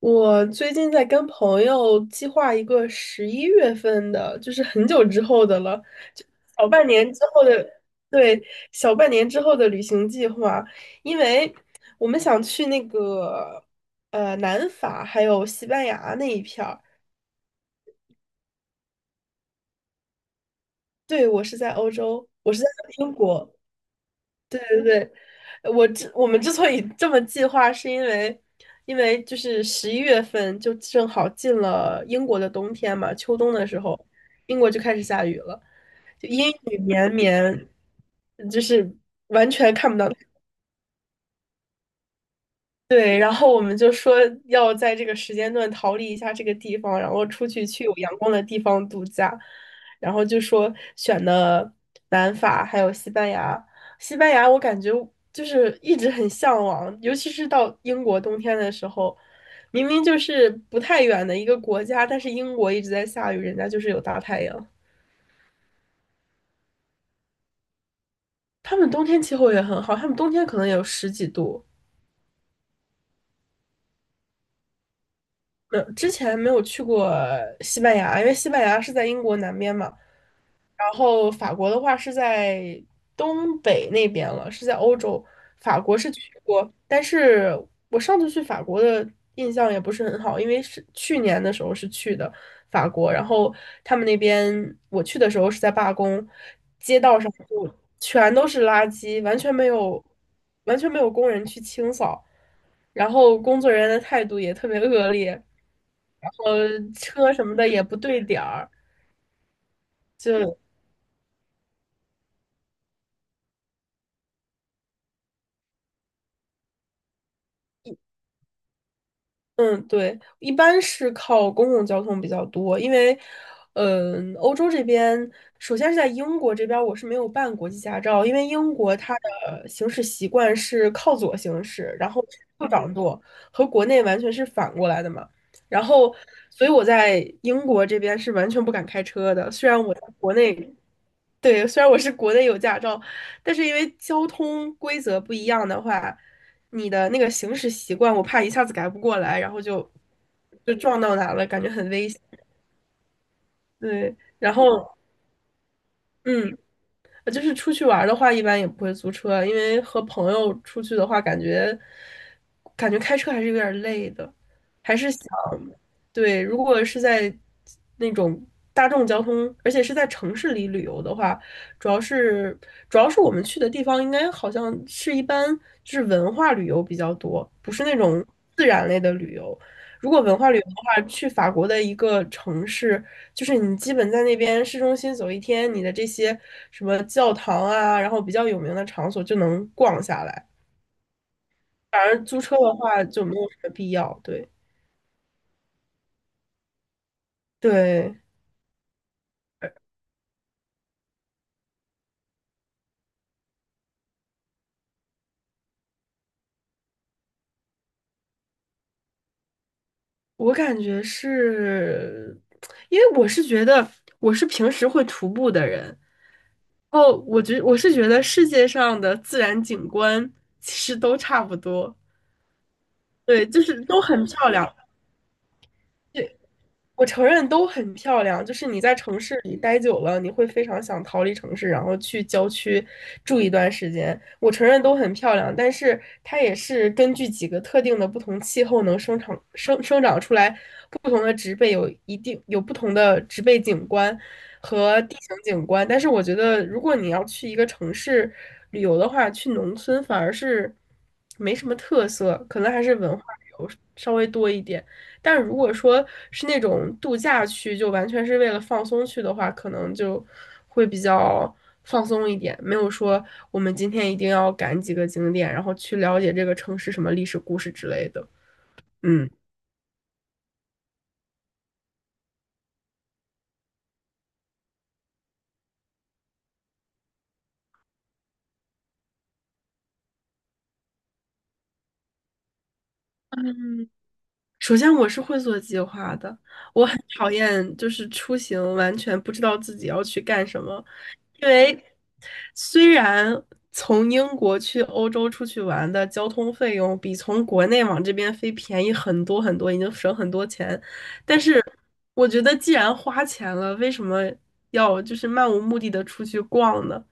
我最近在跟朋友计划一个11月份的，就是很久之后的了，就小半年之后的，对，小半年之后的旅行计划，因为我们想去那个南法还有西班牙那一片儿。对，我是在欧洲，我是在英国。我们之所以这么计划，是因为就是十一月份就正好进了英国的冬天嘛，秋冬的时候，英国就开始下雨了。就阴雨绵绵，就是完全看不到。对，然后我们就说要在这个时间段逃离一下这个地方，然后出去去有阳光的地方度假，然后就说选的南法还有西班牙。西班牙我感觉就是一直很向往，尤其是到英国冬天的时候，明明就是不太远的一个国家，但是英国一直在下雨，人家就是有大太阳。他们冬天气候也很好，他们冬天可能也有十几度。没有之前没有去过西班牙，因为西班牙是在英国南边嘛。然后法国的话是在东北那边了，是在欧洲。法国是去过，但是我上次去法国的印象也不是很好，因为是去年的时候是去的法国，然后他们那边我去的时候是在罢工，街道上就全都是垃圾，完全没有工人去清扫。然后工作人员的态度也特别恶劣，然后车什么的也不对点儿，就嗯，对，一般是靠公共交通比较多，因为，嗯，欧洲这边，首先是在英国这边，我是没有办国际驾照，因为英国它的行驶习惯是靠左行驶，然后右掌舵，和国内完全是反过来的嘛。然后，所以我在英国这边是完全不敢开车的，虽然我在国内对，虽然我是国内有驾照，但是因为交通规则不一样的话，你的那个行驶习惯，我怕一下子改不过来，然后就撞到哪了，感觉很危险。对，然后嗯，就是出去玩儿的话，一般也不会租车，因为和朋友出去的话，感觉开车还是有点儿累的，还是想，对，如果是在那种大众交通，而且是在城市里旅游的话，主要是主要是我们去的地方，应该好像是一般就是文化旅游比较多，不是那种自然类的旅游。如果文化旅游的话，去法国的一个城市，就是你基本在那边市中心走一天，你的这些什么教堂啊，然后比较有名的场所就能逛下来。反而租车的话就没有什么必要。对，对，我感觉是，因为我是觉得我是平时会徒步的人，然后我是觉得世界上的自然景观其实都差不多，对，就是都很漂亮。我承认都很漂亮，就是你在城市里待久了，你会非常想逃离城市，然后去郊区住一段时间。我承认都很漂亮，但是它也是根据几个特定的不同气候能生长出来不同的植被，有一定有不同的植被景观和地形景观。但是我觉得，如果你要去一个城市旅游的话，去农村反而是没什么特色，可能还是文化旅游稍微多一点。但如果说是那种度假区，就完全是为了放松去的话，可能就会比较放松一点，没有说我们今天一定要赶几个景点，然后去了解这个城市什么历史故事之类的。嗯，首先我是会做计划的，我很讨厌就是出行完全不知道自己要去干什么，因为虽然。从英国去欧洲出去玩的交通费用比从国内往这边飞便宜很多很多，已经省很多钱，我觉得既然花钱了，为什么要就是漫无目的的出去逛呢？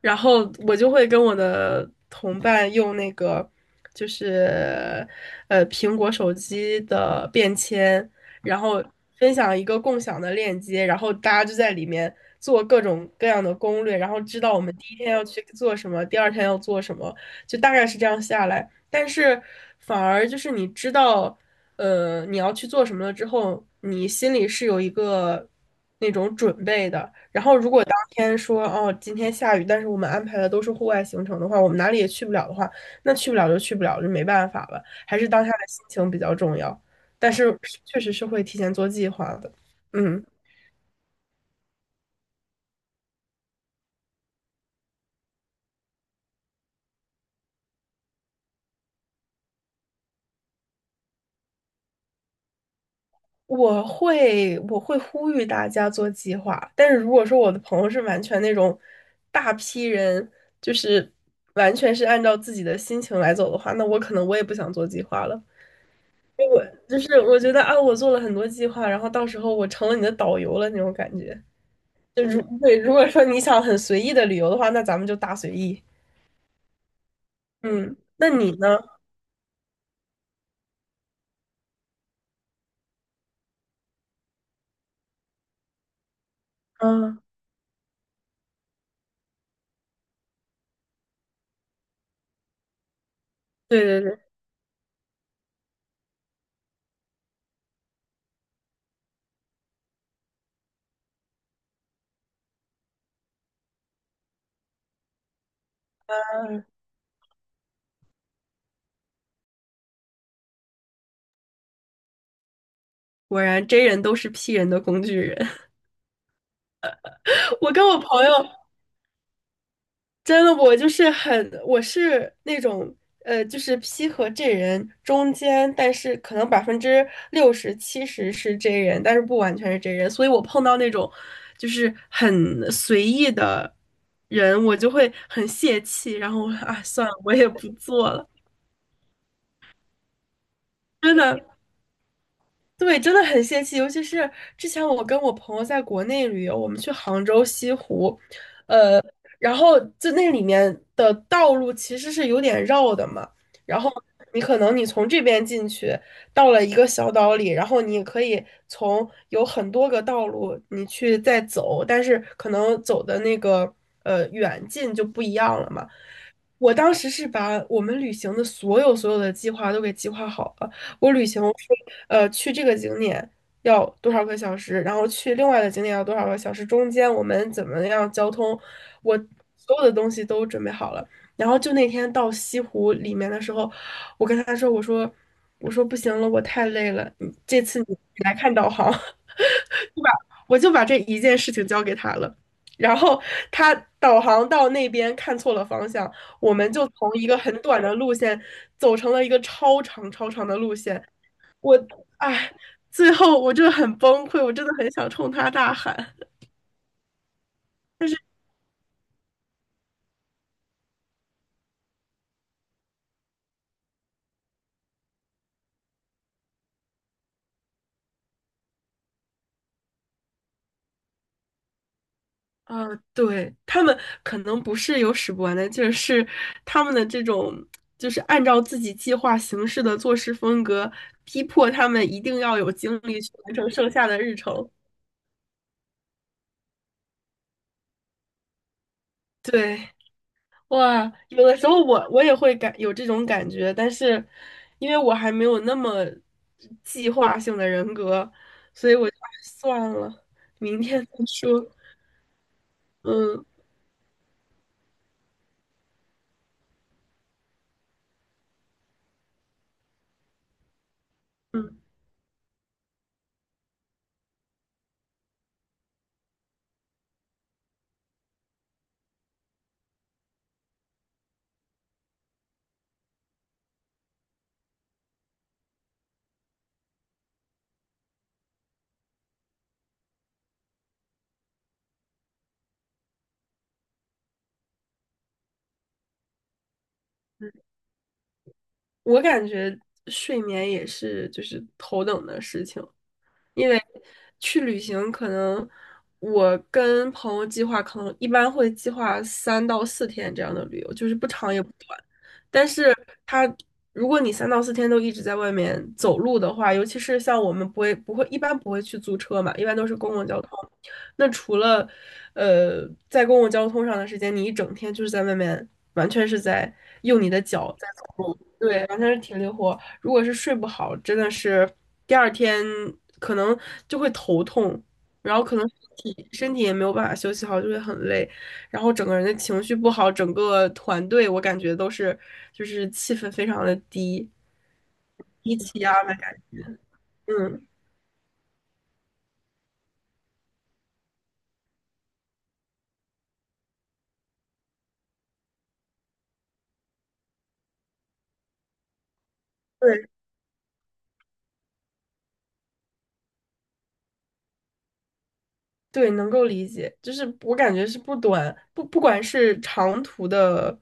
然后我就会跟我的同伴用那个，就是苹果手机的便签，然后分享一个共享的链接，然后大家就在里面做各种各样的攻略，然后知道我们第一天要去做什么，第二天要做什么，就大概是这样下来。但是反而就是你知道。你要去做什么了之后，你心里是有一个那种准备的。然后，如果当天说哦，今天下雨，但是我们安排的都是户外行程的话，我们哪里也去不了的话，那去不了就去不了，就没办法了。还是当下的心情比较重要，但是确实是会提前做计划的。嗯，我会呼吁大家做计划，但是如果说我的朋友是完全那种大批人，就是完全是按照自己的心情来走的话，那我可能我也不想做计划了，因为我就是我觉得啊，我做了很多计划，然后到时候我成了你的导游了那种感觉。对，如果说你想很随意的旅游的话，那咱们就大随意。嗯，那你呢？嗯，对对对，果然 J 人都是 P 人的工具人。我跟我朋友，真的，我就是很，我是那种，就是 P 和 J 人中间，但是可能60%、70%是 J 人，但是不完全是 J 人，所以我碰到那种就是很随意的人，我就会很泄气，然后啊，算了，我也不做了，真的，对，真的很泄气，尤其是之前我跟我朋友在国内旅游，我们去杭州西湖，呃，然后就那里面的道路其实是有点绕的嘛，然后你可能你从这边进去，到了一个小岛里，然后你可以从有很多个道路你去再走，但是可能走的那个远近就不一样了嘛。我当时是把我们旅行的所有所有的计划都给计划好了。我旅行我说，去这个景点要多少个小时，然后去另外的景点要多少个小时，中间我们怎么样交通，我所有的东西都准备好了。然后就那天到西湖里面的时候，我跟他说："我说不行了，我太累了，你这次你来看导航。"对吧。我就把这一件事情交给他了，然后他导航到那边看错了方向，我们就从一个很短的路线走成了一个超长超长的路线。我，哎，最后我真的很崩溃，我真的很想冲他大喊。啊，对，他们可能不是有使不完的劲儿，是他们的这种就是按照自己计划行事的做事风格，逼迫他们一定要有精力去完成剩下的日程。对。哇，有的时候我也会有这种感觉，但是因为我还没有那么计划性的人格，所以我就哎算了，明天再说。嗯嗯，我感觉睡眠也是就是头等的事情，因为去旅行可能我跟朋友计划，可能一般会计划三到四天这样的旅游，就是不长也不短。但是它，如果你三到四天都一直在外面走路的话，尤其是像我们不会不会一般不会去租车嘛，一般都是公共交通。那除了在公共交通上的时间，你一整天就是在外面，完全是在用你的脚。对，完全是挺灵活。如果是睡不好，真的是第二天可能就会头痛，然后可能身体也没有办法休息好，就会很累，然后整个人的情绪不好，整个团队我感觉都是就是气氛非常的低，低气压的感觉。嗯，对。对，能够理解，就是我感觉是不短不不管是长途的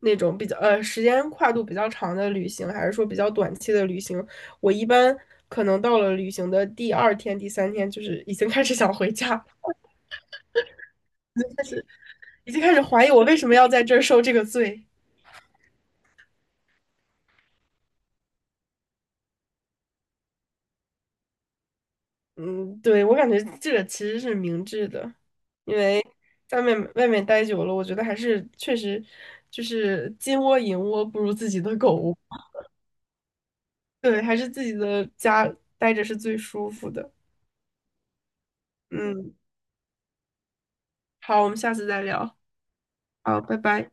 那种比较时间跨度比较长的旅行，还是说比较短期的旅行，我一般可能到了旅行的第二天、第三天，就是已经开始想回家了。已经开始怀疑我为什么要在这儿受这个罪。嗯，对，我感觉这个其实是明智的，因为在外面外面待久了，我觉得还是确实就是金窝银窝不如自己的狗窝。对，还是自己的家待着是最舒服的。嗯，好，我们下次再聊。好，拜拜。